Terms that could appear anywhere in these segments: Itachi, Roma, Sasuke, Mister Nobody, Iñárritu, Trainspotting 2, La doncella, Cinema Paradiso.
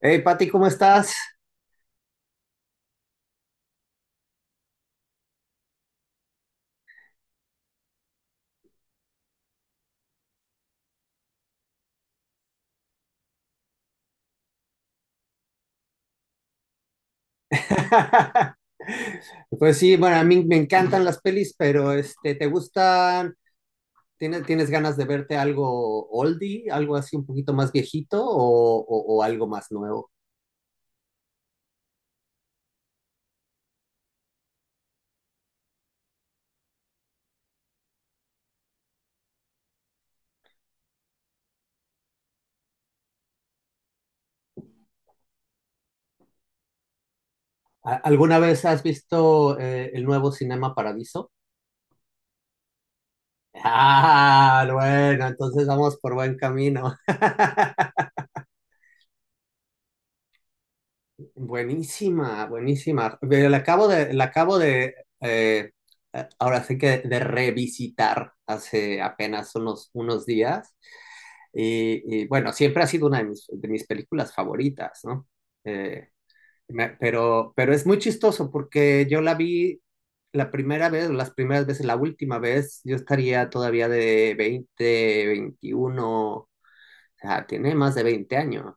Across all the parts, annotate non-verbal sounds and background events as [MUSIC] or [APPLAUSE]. Hey, Pati, ¿cómo estás? [LAUGHS] Pues sí, bueno, a mí me encantan las pelis, pero este, ¿te gustan? ¿Tienes, tienes ganas de verte algo oldie, algo así un poquito más viejito o, o algo más nuevo? ¿Alguna vez has visto el nuevo Cinema Paradiso? [LAUGHS] Ah, bueno, entonces vamos por buen camino. Buenísima, buenísima. Ve, la acabo de, la acabo de eh, ahora sí que de revisitar hace apenas unos, unos días. Bueno, siempre ha sido una de mis películas favoritas, ¿no? Eh, pero es muy chistoso porque yo la vi la primera vez, o las primeras veces, la última vez, yo estaría todavía de 20, 21, o sea, tiene más de 20 años.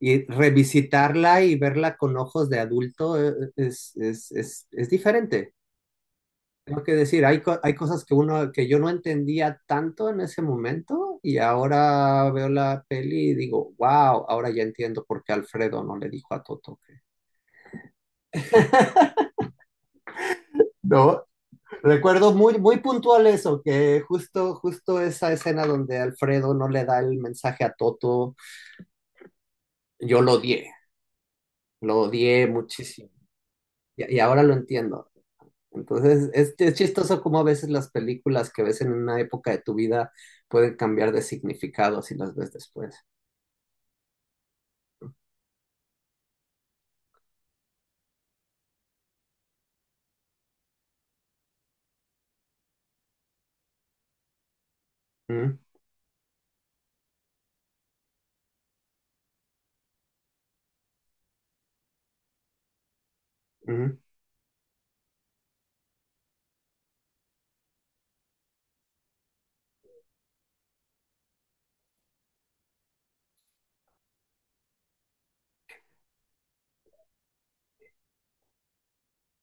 Y revisitarla y verla con ojos de adulto es, es diferente. Tengo que decir, hay, hay cosas que uno que yo no entendía tanto en ese momento y ahora veo la peli y digo, wow, ahora ya entiendo por qué Alfredo no le dijo a Toto que... No, recuerdo muy, muy puntual eso, que justo, justo esa escena donde Alfredo no le da el mensaje a Toto, yo lo odié muchísimo y ahora lo entiendo. Entonces, es chistoso cómo a veces las películas que ves en una época de tu vida pueden cambiar de significado si las ves después. Mm, mm.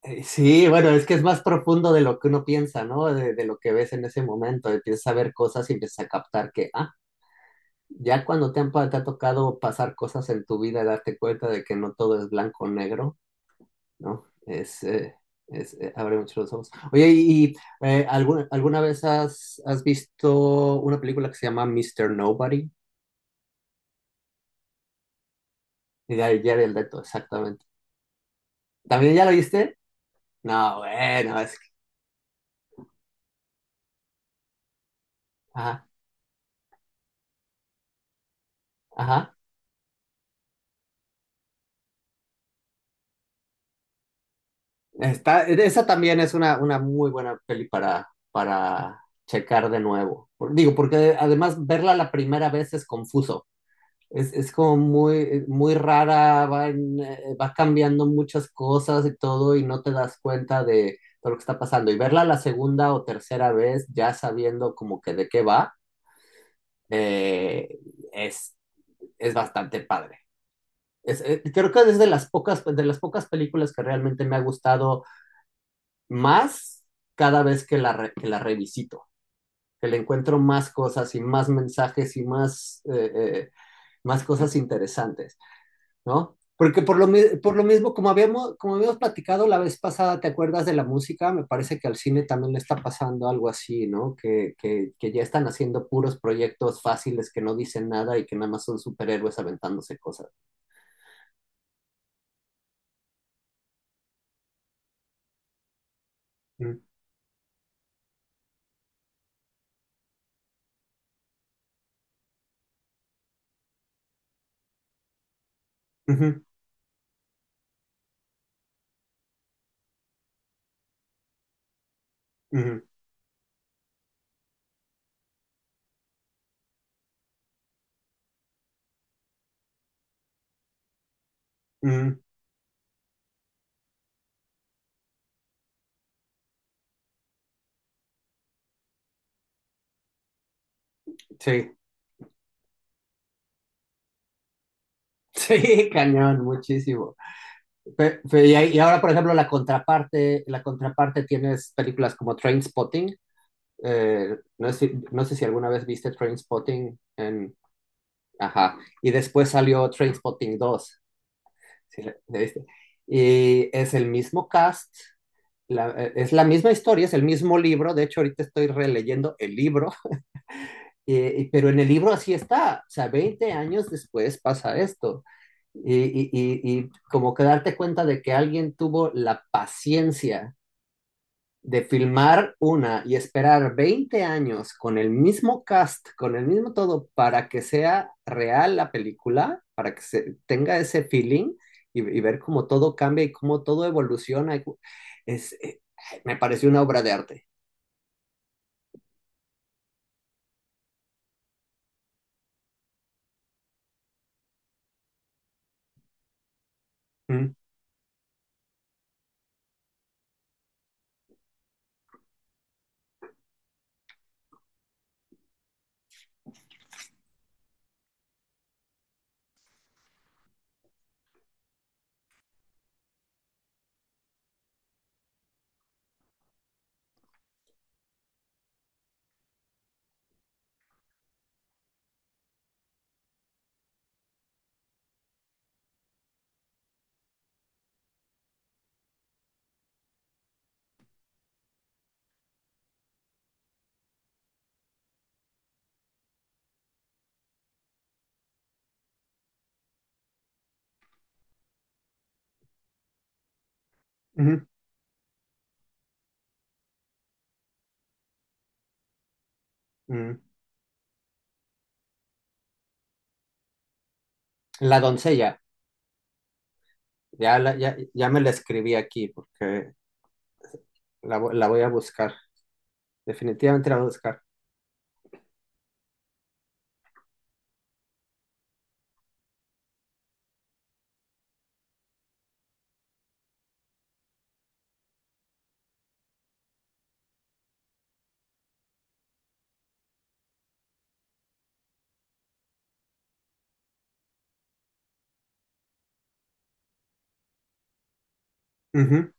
Sí, bueno, es que es más profundo de lo que uno piensa, ¿no? De lo que ves en ese momento. Empiezas a ver cosas y empiezas a captar que, ah, ya cuando te, han, te ha tocado pasar cosas en tu vida, darte cuenta de que no todo es blanco o negro, ¿no? Es, abre mucho los ojos. Oye, ¿alguna, alguna vez has, has visto una película que se llama Mister Nobody? Y ya, ya vi el reto, exactamente. ¿También ya lo viste? No, bueno, es que... Ajá, ajá. Está, esa también es una muy buena peli para checar de nuevo. Digo, porque además verla la primera vez es confuso. Es como muy, muy rara, va, va cambiando muchas cosas y todo y no te das cuenta de todo lo que está pasando. Y verla la segunda o tercera vez ya sabiendo como que de qué va, eh, es, es bastante padre. Es, creo que es de las pocas películas que realmente me ha gustado más cada vez que la, que la revisito, que le encuentro más cosas y más mensajes y más, más cosas interesantes, ¿no? Porque por lo mismo, como habíamos platicado la vez pasada, ¿te acuerdas de la música? Me parece que al cine también le está pasando algo así, ¿no? Que ya están haciendo puros proyectos fáciles que no dicen nada y que nada más son superhéroes aventándose cosas. Mm. Ujú, ujú, ujú. Sí, sí, [LAUGHS] cañón, muchísimo. Y ahora, por ejemplo, la contraparte tienes películas como Trainspotting. No sé, no sé si alguna vez viste Trainspotting en... Ajá. Y después salió Trainspotting 2. Si la viste. Y es el mismo cast, es la misma historia, es el mismo libro. De hecho, ahorita estoy releyendo el libro. Pero en el libro así está, o sea, 20 años después pasa esto. Y como que darte cuenta de que alguien tuvo la paciencia de filmar una y esperar 20 años con el mismo cast, con el mismo todo, para que sea real la película, para que se tenga ese feeling y ver cómo todo cambia y cómo todo evoluciona. Es, me pareció una obra de arte. Mm, ujú, mm. La doncella. Ya, ya, ya me la escribí aquí porque la, la voy a buscar. Definitivamente la voy a buscar. Ujú,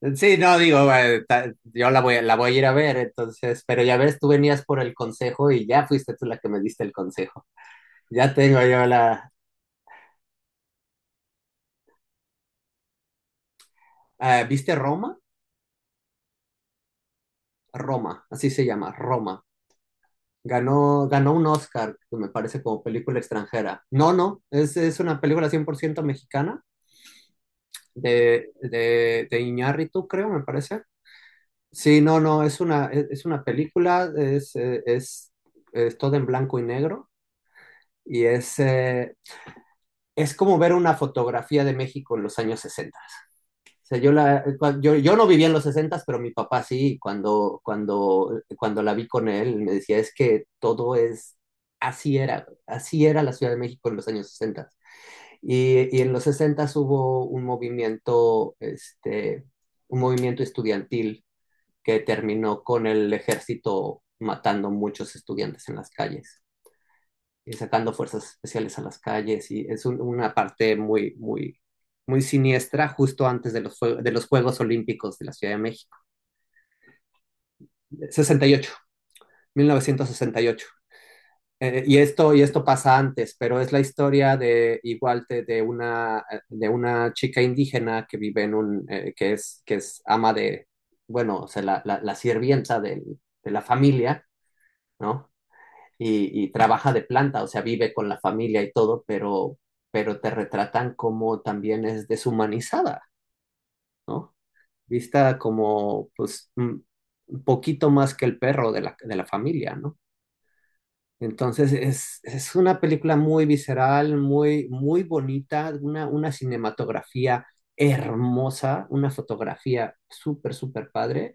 ujú. Sí, no, digo, yo la voy a ir a ver, entonces, pero ya ves, tú venías por el consejo y ya fuiste tú la que me diste el consejo. Ya tengo yo la... Ah, ¿viste Roma? Roma, así se llama, Roma. Ganó, ganó un Oscar, que me parece como película extranjera. No, no, es una película 100% mexicana de Iñárritu, creo, me parece. Sí, no, no, es una película, es todo en blanco y negro y es como ver una fotografía de México en los años 60. O sea, yo, la, yo, yo no vivía en los 60, pero mi papá sí, y cuando, cuando, cuando la vi con él, me decía, es que todo es, así era la Ciudad de México en los años 60. Y en los 60 hubo un movimiento, este, un movimiento estudiantil que terminó con el ejército matando muchos estudiantes en las calles y sacando fuerzas especiales a las calles y es un, una parte muy, muy, muy siniestra justo antes de los Juegos Olímpicos de la Ciudad de México. 68, 1968. Y esto pasa antes, pero es la historia de igual de una chica indígena que vive en un, es, que es ama de, bueno, o sea, la sirvienta del, de la familia, ¿no? Y, y trabaja de planta, o sea, vive con la familia y todo, pero te retratan como también es deshumanizada, ¿no? Vista como, pues, mm, un poquito más que el perro de la familia, ¿no? Entonces es una película muy visceral, muy, muy bonita, una cinematografía hermosa, una fotografía súper, súper padre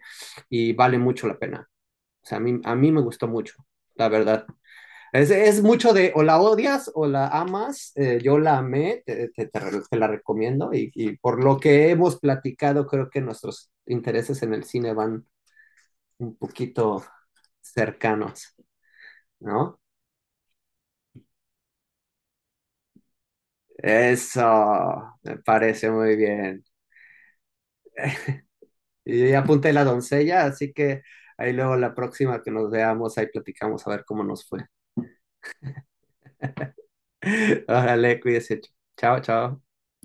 y vale mucho la pena. O sea, a mí me gustó mucho, la verdad. Es mucho de o la odias o la amas. Eh, yo la amé, te, te la recomiendo. Y por lo que hemos platicado, creo que nuestros intereses en el cine van un poquito cercanos, ¿no? Eso me parece muy bien. Y yo ya apunté la doncella, así que ahí luego la próxima que nos veamos, ahí platicamos a ver cómo nos fue. [LAUGHS] Órale, cuídese. Chao, chao.